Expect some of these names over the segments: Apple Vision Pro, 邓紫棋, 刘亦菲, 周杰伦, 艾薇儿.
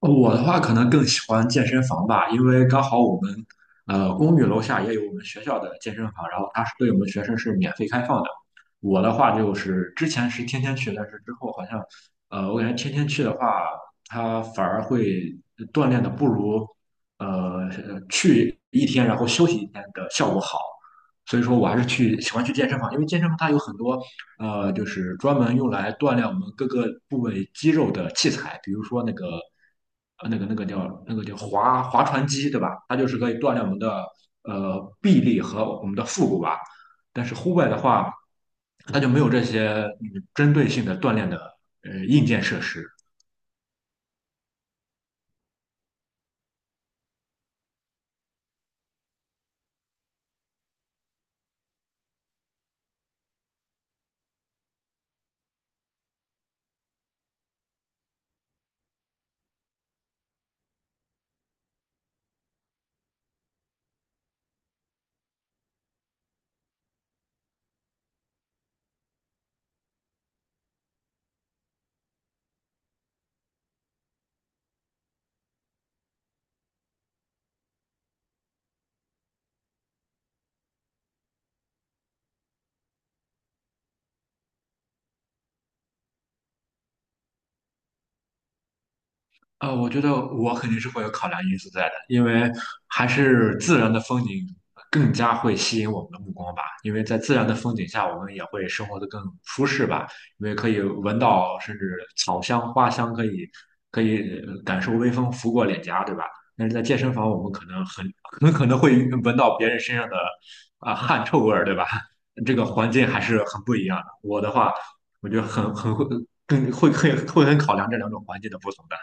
哦我的话可能更喜欢健身房吧，因为刚好我们公寓楼下也有我们学校的健身房，然后它是对我们学生是免费开放的。我的话就是之前是天天去，但是之后好像我感觉天天去的话，它反而会锻炼的不如呃去一天然后休息一天的效果好。所以说我还是去喜欢去健身房，因为健身房它有很多就是专门用来锻炼我们各个部位肌肉的器材，比如说那个呃那个那个叫那个叫划划船机，对吧？它就是可以锻炼我们的臂力和我们的腹股吧。但是户外的话，它就没有这些针对性的锻炼的硬件设施。啊、我觉得我肯定是会有考量因素在的，因为还是自然的风景更加会吸引我们的目光吧。因为在自然的风景下，我们也会生活的更舒适吧，因为可以闻到甚至草香、花香，可以感受微风拂过脸颊，对吧？但是在健身房，我们可能很可能会闻到别人身上的啊、汗臭味儿，对吧？这个环境还是很不一样的。我的话，我觉得很很会更会会会很考量这两种环境的不同的。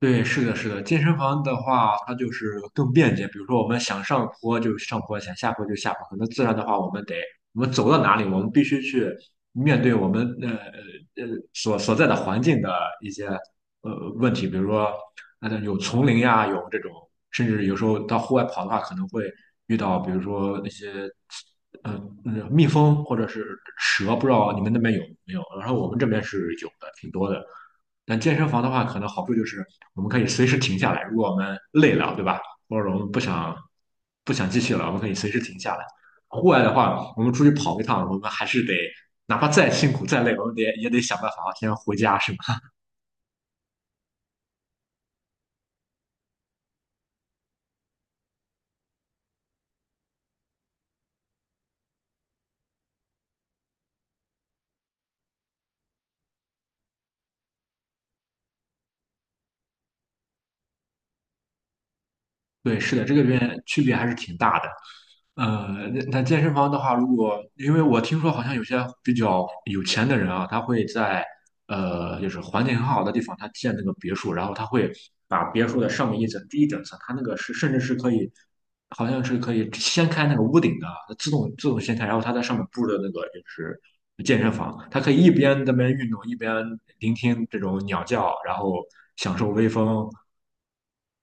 对，是的，是的，健身房的话，它就是更便捷。比如说，我们想上坡就上坡，想下坡就下坡。可能自然的话，我们走到哪里，我们必须去面对我们呃所所在的环境的一些问题，比如说那种有丛林呀，有这种，甚至有时候到户外跑的话，可能会遇到比如说那些呃蜜蜂或者是蛇，不知道你们那边有没有？然后我们这边是有的，挺多的。但健身房的话，可能好处就是我们可以随时停下来，如果我们累了，对吧？或者我们不想继续了，我们可以随时停下来。户外的话，我们出去跑一趟，我们还是得哪怕再辛苦再累，我们得也得想办法先回家，是吧？对，是的，这个边区别还是挺大的。那健身房的话，如果因为我听说好像有些比较有钱的人啊，他会在就是环境很好的地方，他建那个别墅，然后他会把别墅的上面一层、第一整层，他那个是甚至是可以，好像是可以掀开那个屋顶的啊，自动掀开，然后他在上面布的那个就是健身房，他可以一边在那边运动，一边聆听这种鸟叫，然后享受微风，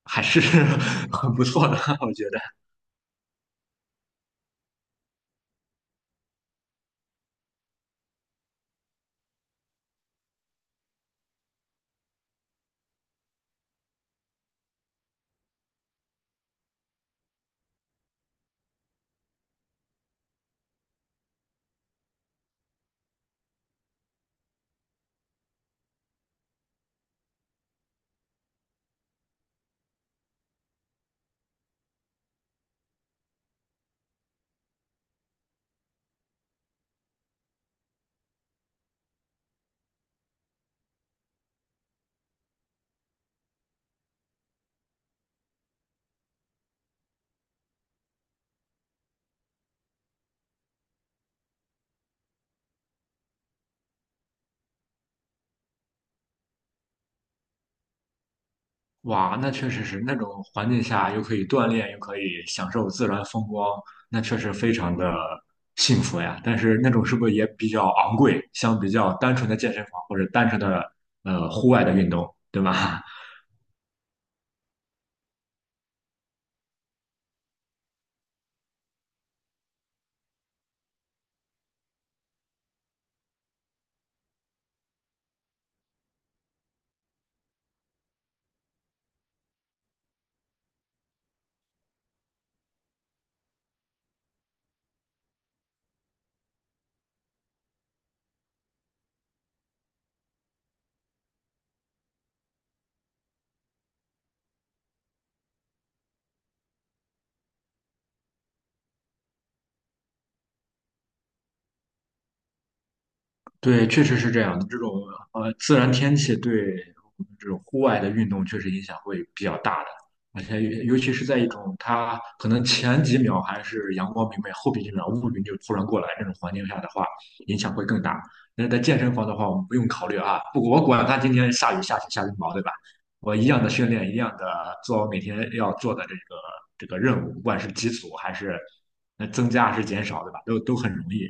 还是 很不错的，我觉得。哇，那确实是那种环境下又可以锻炼，又可以享受自然风光，那确实非常的幸福呀。但是那种是不是也比较昂贵，相比较单纯的健身房或者单纯的户外的运动，对吧？对，确实是这样的。这种自然天气对我们这种户外的运动确实影响会比较大的，而且尤其是在一种它可能前几秒还是阳光明媚，后边几秒乌云就突然过来这种环境下的话，影响会更大。但是在健身房的话，我们不用考虑啊，不，我管它今天下雨下雪下冰雹，对吧？我一样的训练，一样的做我每天要做的这个任务，不管是基础还是增加还是减少，对吧？都都很容易。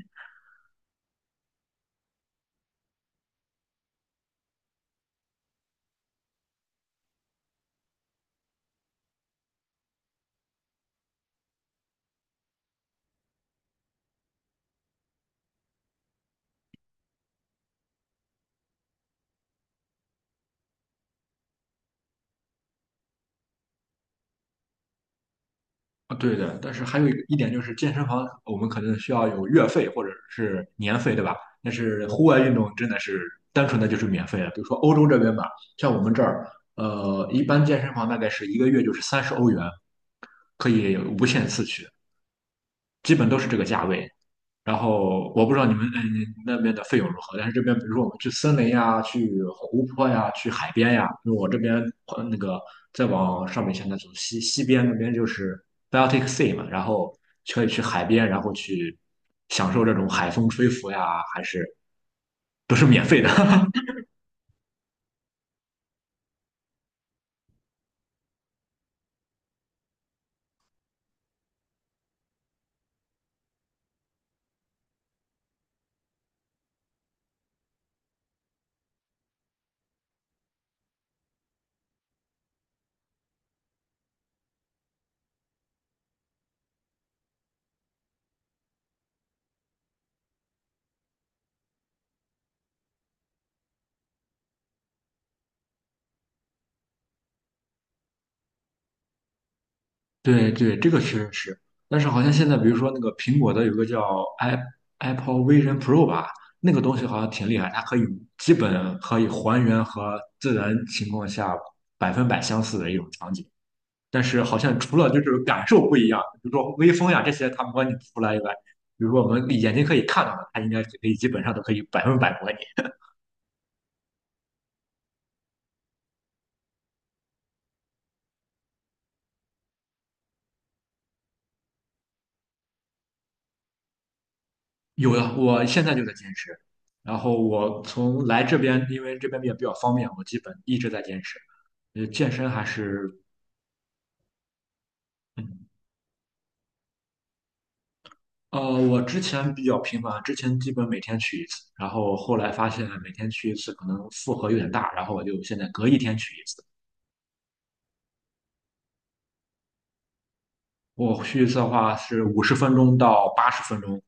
啊，对的，但是还有一个一点就是健身房，我们可能需要有月费或者是年费，对吧？但是户外运动真的是单纯的就是免费的，比如说欧洲这边吧，像我们这儿，一般健身房大概是一个月就是30 欧元，可以无限次去，基本都是这个价位。然后我不知道你们那边的费用如何，但是这边比如说我们去森林呀、去湖泊呀、去海边呀，因为我这边呃那个再往上面一些，那从西边那边就是 Baltic Sea 嘛，然后可以去海边，然后去享受这种海风吹拂呀，还是都是免费的。对对，这个确实是，但是好像现在，比如说那个苹果的有个叫 i Apple Vision Pro 吧，那个东西好像挺厉害，它可以基本可以还原和自然情况下百分百相似的一种场景，但是好像除了就是感受不一样，比如说微风呀这些它模拟不出来以外，比如说我们眼睛可以看到的，它应该可以基本上都可以百分百模拟。有的，我现在就在坚持，然后我从来这边，因为这边也比较方便，我基本一直在坚持。呃，健身还是，嗯，我之前比较频繁，之前基本每天去一次，然后后来发现每天去一次可能负荷有点大，然后我就现在隔一天去一次。我去一次的话是50 分钟到80 分钟，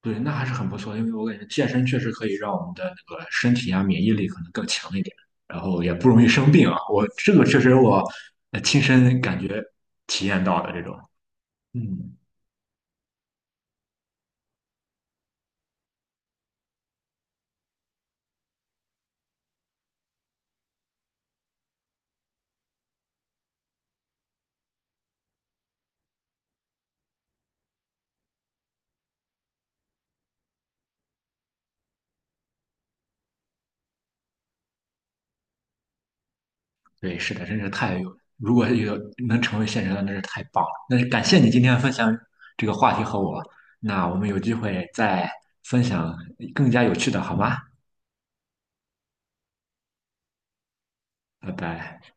对，那还是很不错，因为我感觉健身确实可以让我们的那个身体啊免疫力可能更强一点，然后也不容易生病啊。我这个确实我亲身感觉体验到的这种，嗯。对，是的，真是太有，如果有能成为现实的，那是太棒了。那感谢你今天分享这个话题和我，那我们有机会再分享更加有趣的，好吗？拜拜。